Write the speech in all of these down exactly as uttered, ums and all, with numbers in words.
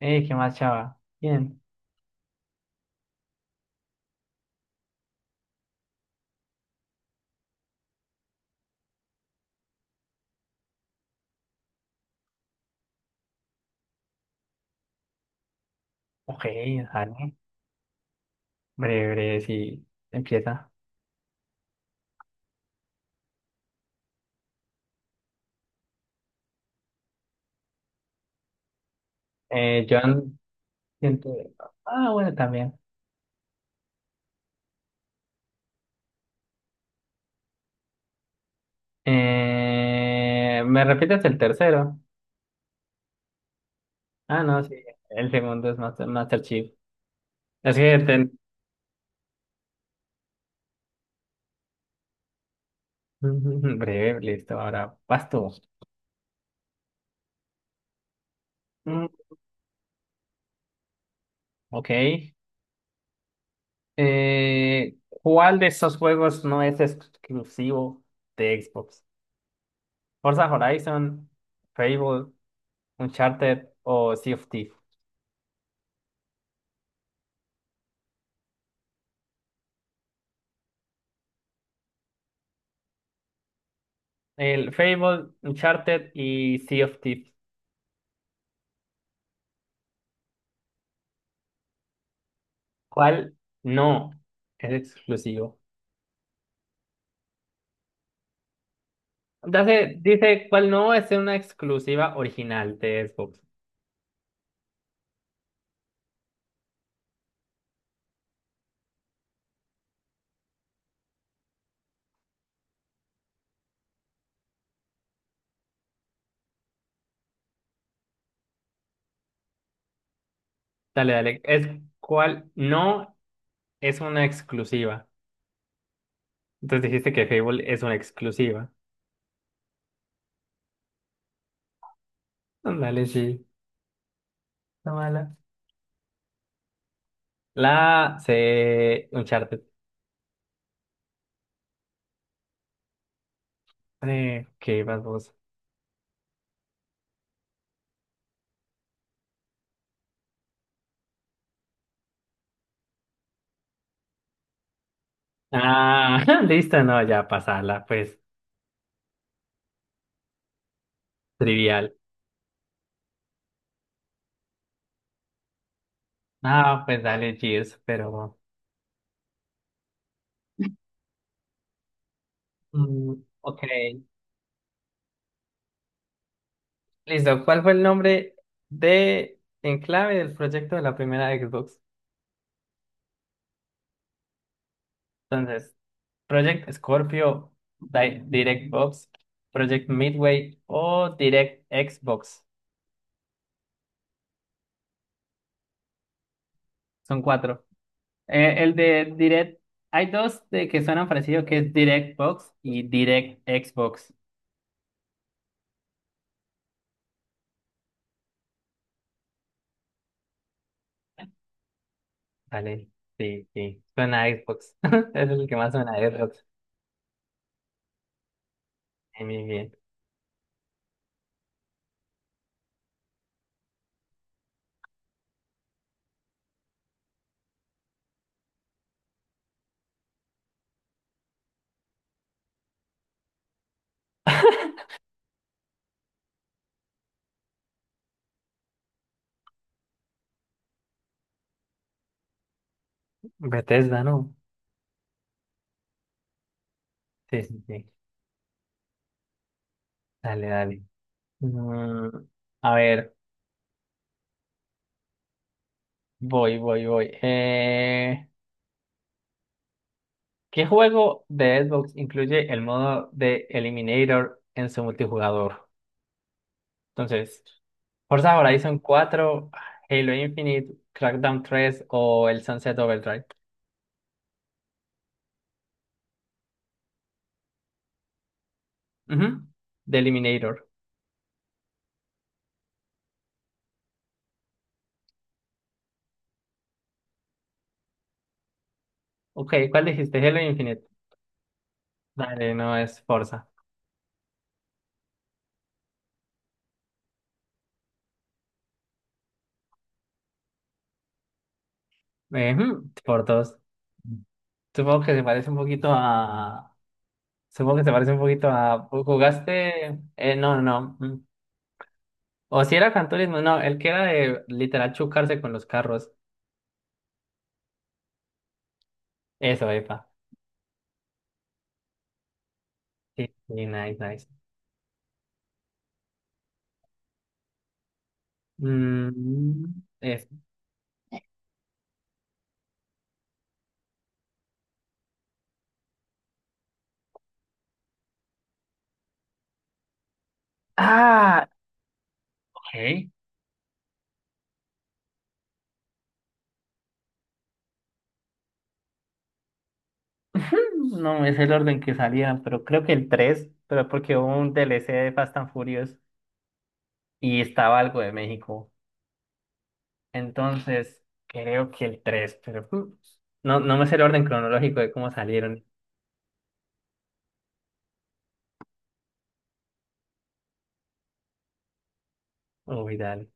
Eh, ¿qué más, chava? Bien. Ok, dale. Breve, breve, sí. Empieza. Eh, John, siento... Ah, bueno, también. Eh, ¿me repites el tercero? Ah, no, sí. El segundo es Master, Master Chief. Es que... ten- Breve, listo. Ahora, vas tú. Mm, ok. Eh, ¿cuál de esos juegos no es exclusivo de Xbox? ¿Forza Horizon, Fable, Uncharted o Sea of Thieves? El Fable, Uncharted y Sea of Thieves. ¿Cuál no es exclusivo? Dice, dice cuál no es una exclusiva original de Xbox. Dale, dale. Es cuál no es una exclusiva. Entonces dijiste que Fable es una exclusiva. Dale, sí. Está mala. La C, Uncharted. Eh, ¿qué vas vos? Ah, listo, no, ya pasala, pues trivial. Ah, pues dale, Gears, pero... Mm, ok. Listo, ¿cuál fue el nombre de enclave del proyecto de la primera Xbox? Entonces, Project Scorpio, Di- DirectBox, Project Midway o Direct Xbox. Son cuatro. Eh, el de Direct, hay dos de que suenan parecido que es DirectBox y Direct Xbox. Vale, sí, sí, suena a Xbox. Es el que más suena a Xbox. Bien, bien, bien. Bethesda, ¿no? Sí, sí, sí. Dale, dale. Mm, a ver. Voy, voy, voy. Eh, ¿qué juego de Xbox incluye el modo de Eliminator en su multijugador? Entonces, Forza Horizon cuatro, Halo Infinite, Crackdown tres o el Sunset Overdrive. Ujú, de Eliminator. Ok, ¿cuál dijiste? Halo Infinite. Dale, no es Forza. Eh, ujú, por dos. Supongo que se parece un poquito a. Supongo que se parece un poquito a. ¿Jugaste? Eh, no, no. No. O si era Gran Turismo, no, el que era de literal chocarse con los carros. Eso, epa. Sí, sí, nice, nice. Mm, eso. Ah, ok. No es el orden que salían pero creo que el tres pero porque hubo un D L C de Fast and Furious y estaba algo de México. Entonces, creo que el tres pero mm, no, no me sé el orden cronológico de cómo salieron. Uy, dale.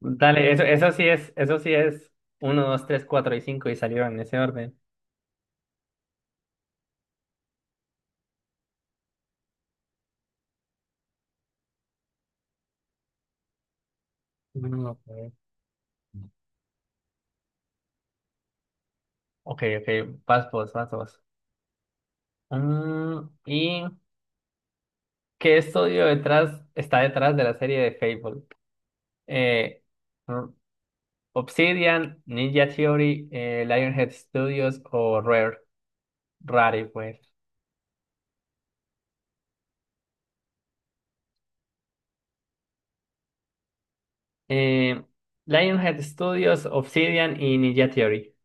Dale, eso, eso sí es, eso sí es uno dos tres cuatro y cinco y salieron en ese orden. No, ok. Ok, ok, vas vos, vas vos. Mm, ¿y qué estudio detrás está detrás de la serie de Fable? Eh, R- Obsidian, Ninja Theory, eh, Lionhead Studios o Rare, Rare, pues. Eh, Lionhead Studios, Obsidian y Ninja Theory.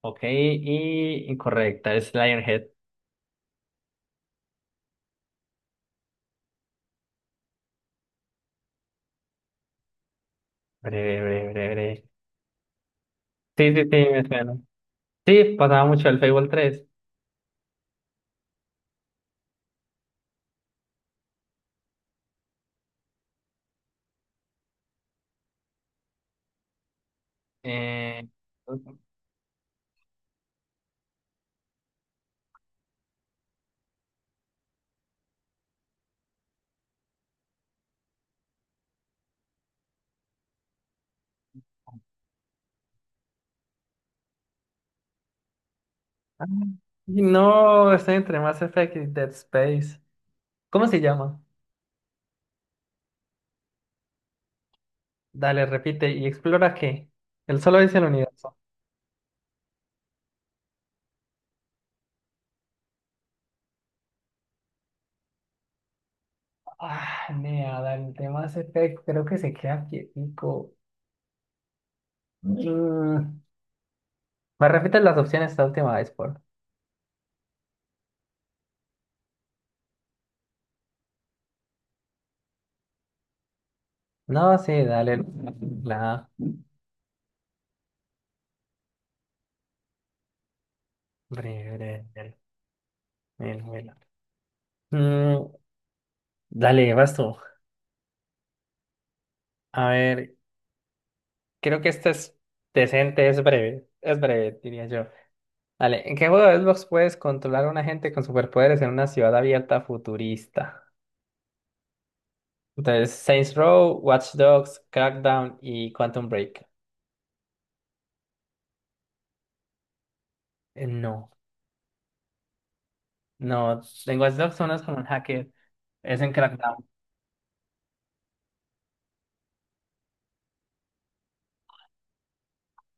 Ok, y incorrecta, es Lionhead. Breve, breve, breve, breve. Sí, sí, sí, me suena. Sí, pasaba mucho el Fable tres. Eh, Ah, y no, está entre Mass Effect y Dead Space. ¿Cómo se llama? Dale, repite y explora qué. Él solo dice el universo. Ah, nea, dale, el de Mass Effect creo que se queda quietico. Mm, ¿Me repites las opciones esta última vez, por? No, sí, dale. La. Breve, breve, breve, breve. Mil. Mm, dale, vas tú. A ver, creo que este es decente, es breve. Es breve, diría yo. Dale, ¿en qué juego de Xbox puedes controlar a un agente con superpoderes en una ciudad abierta futurista? Entonces, Saints Row, Watch Dogs, Crackdown y Quantum Break. Eh, no, no, en Watch Dogs uno es como un hacker, es en Crackdown.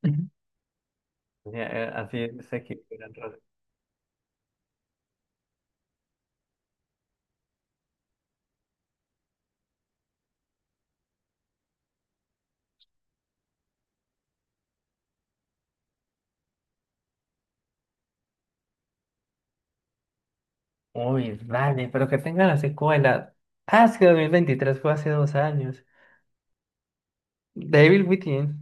Ujú. Ya, eh, así se equilibran roles. Uy, dale, pero que tenga la secuela. Ah, es que dos mil veintitrés fue hace dos años. Devil Within.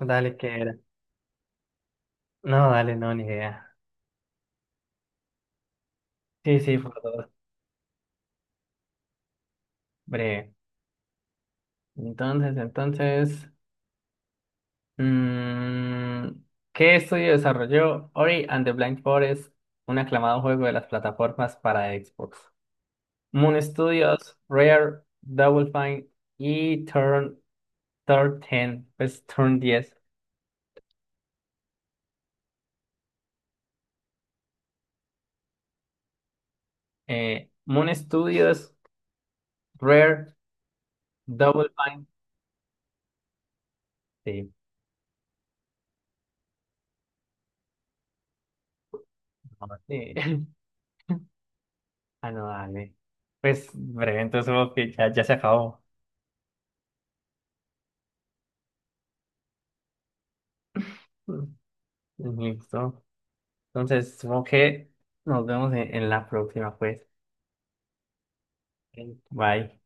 Dale, ¿qué era? No, dale, no, ni idea. Sí, sí, fue dos. Breve. Entonces, entonces. Mm, ¿qué estudio desarrolló Ori and the Blind Forest, un aclamado juego de las plataformas para Xbox? Moon Studios, Rare, Double Fine y Turn, Turn diez, pues Turn diez. Eh, Moon Studios, Rare, Double Fine. Sí, no, sí. Ah, no, dale. Pues breve, entonces supongo que ya, ya se acabó. Mm, Listo. Entonces, supongo que nos vemos en en la próxima, pues. Ok, bye.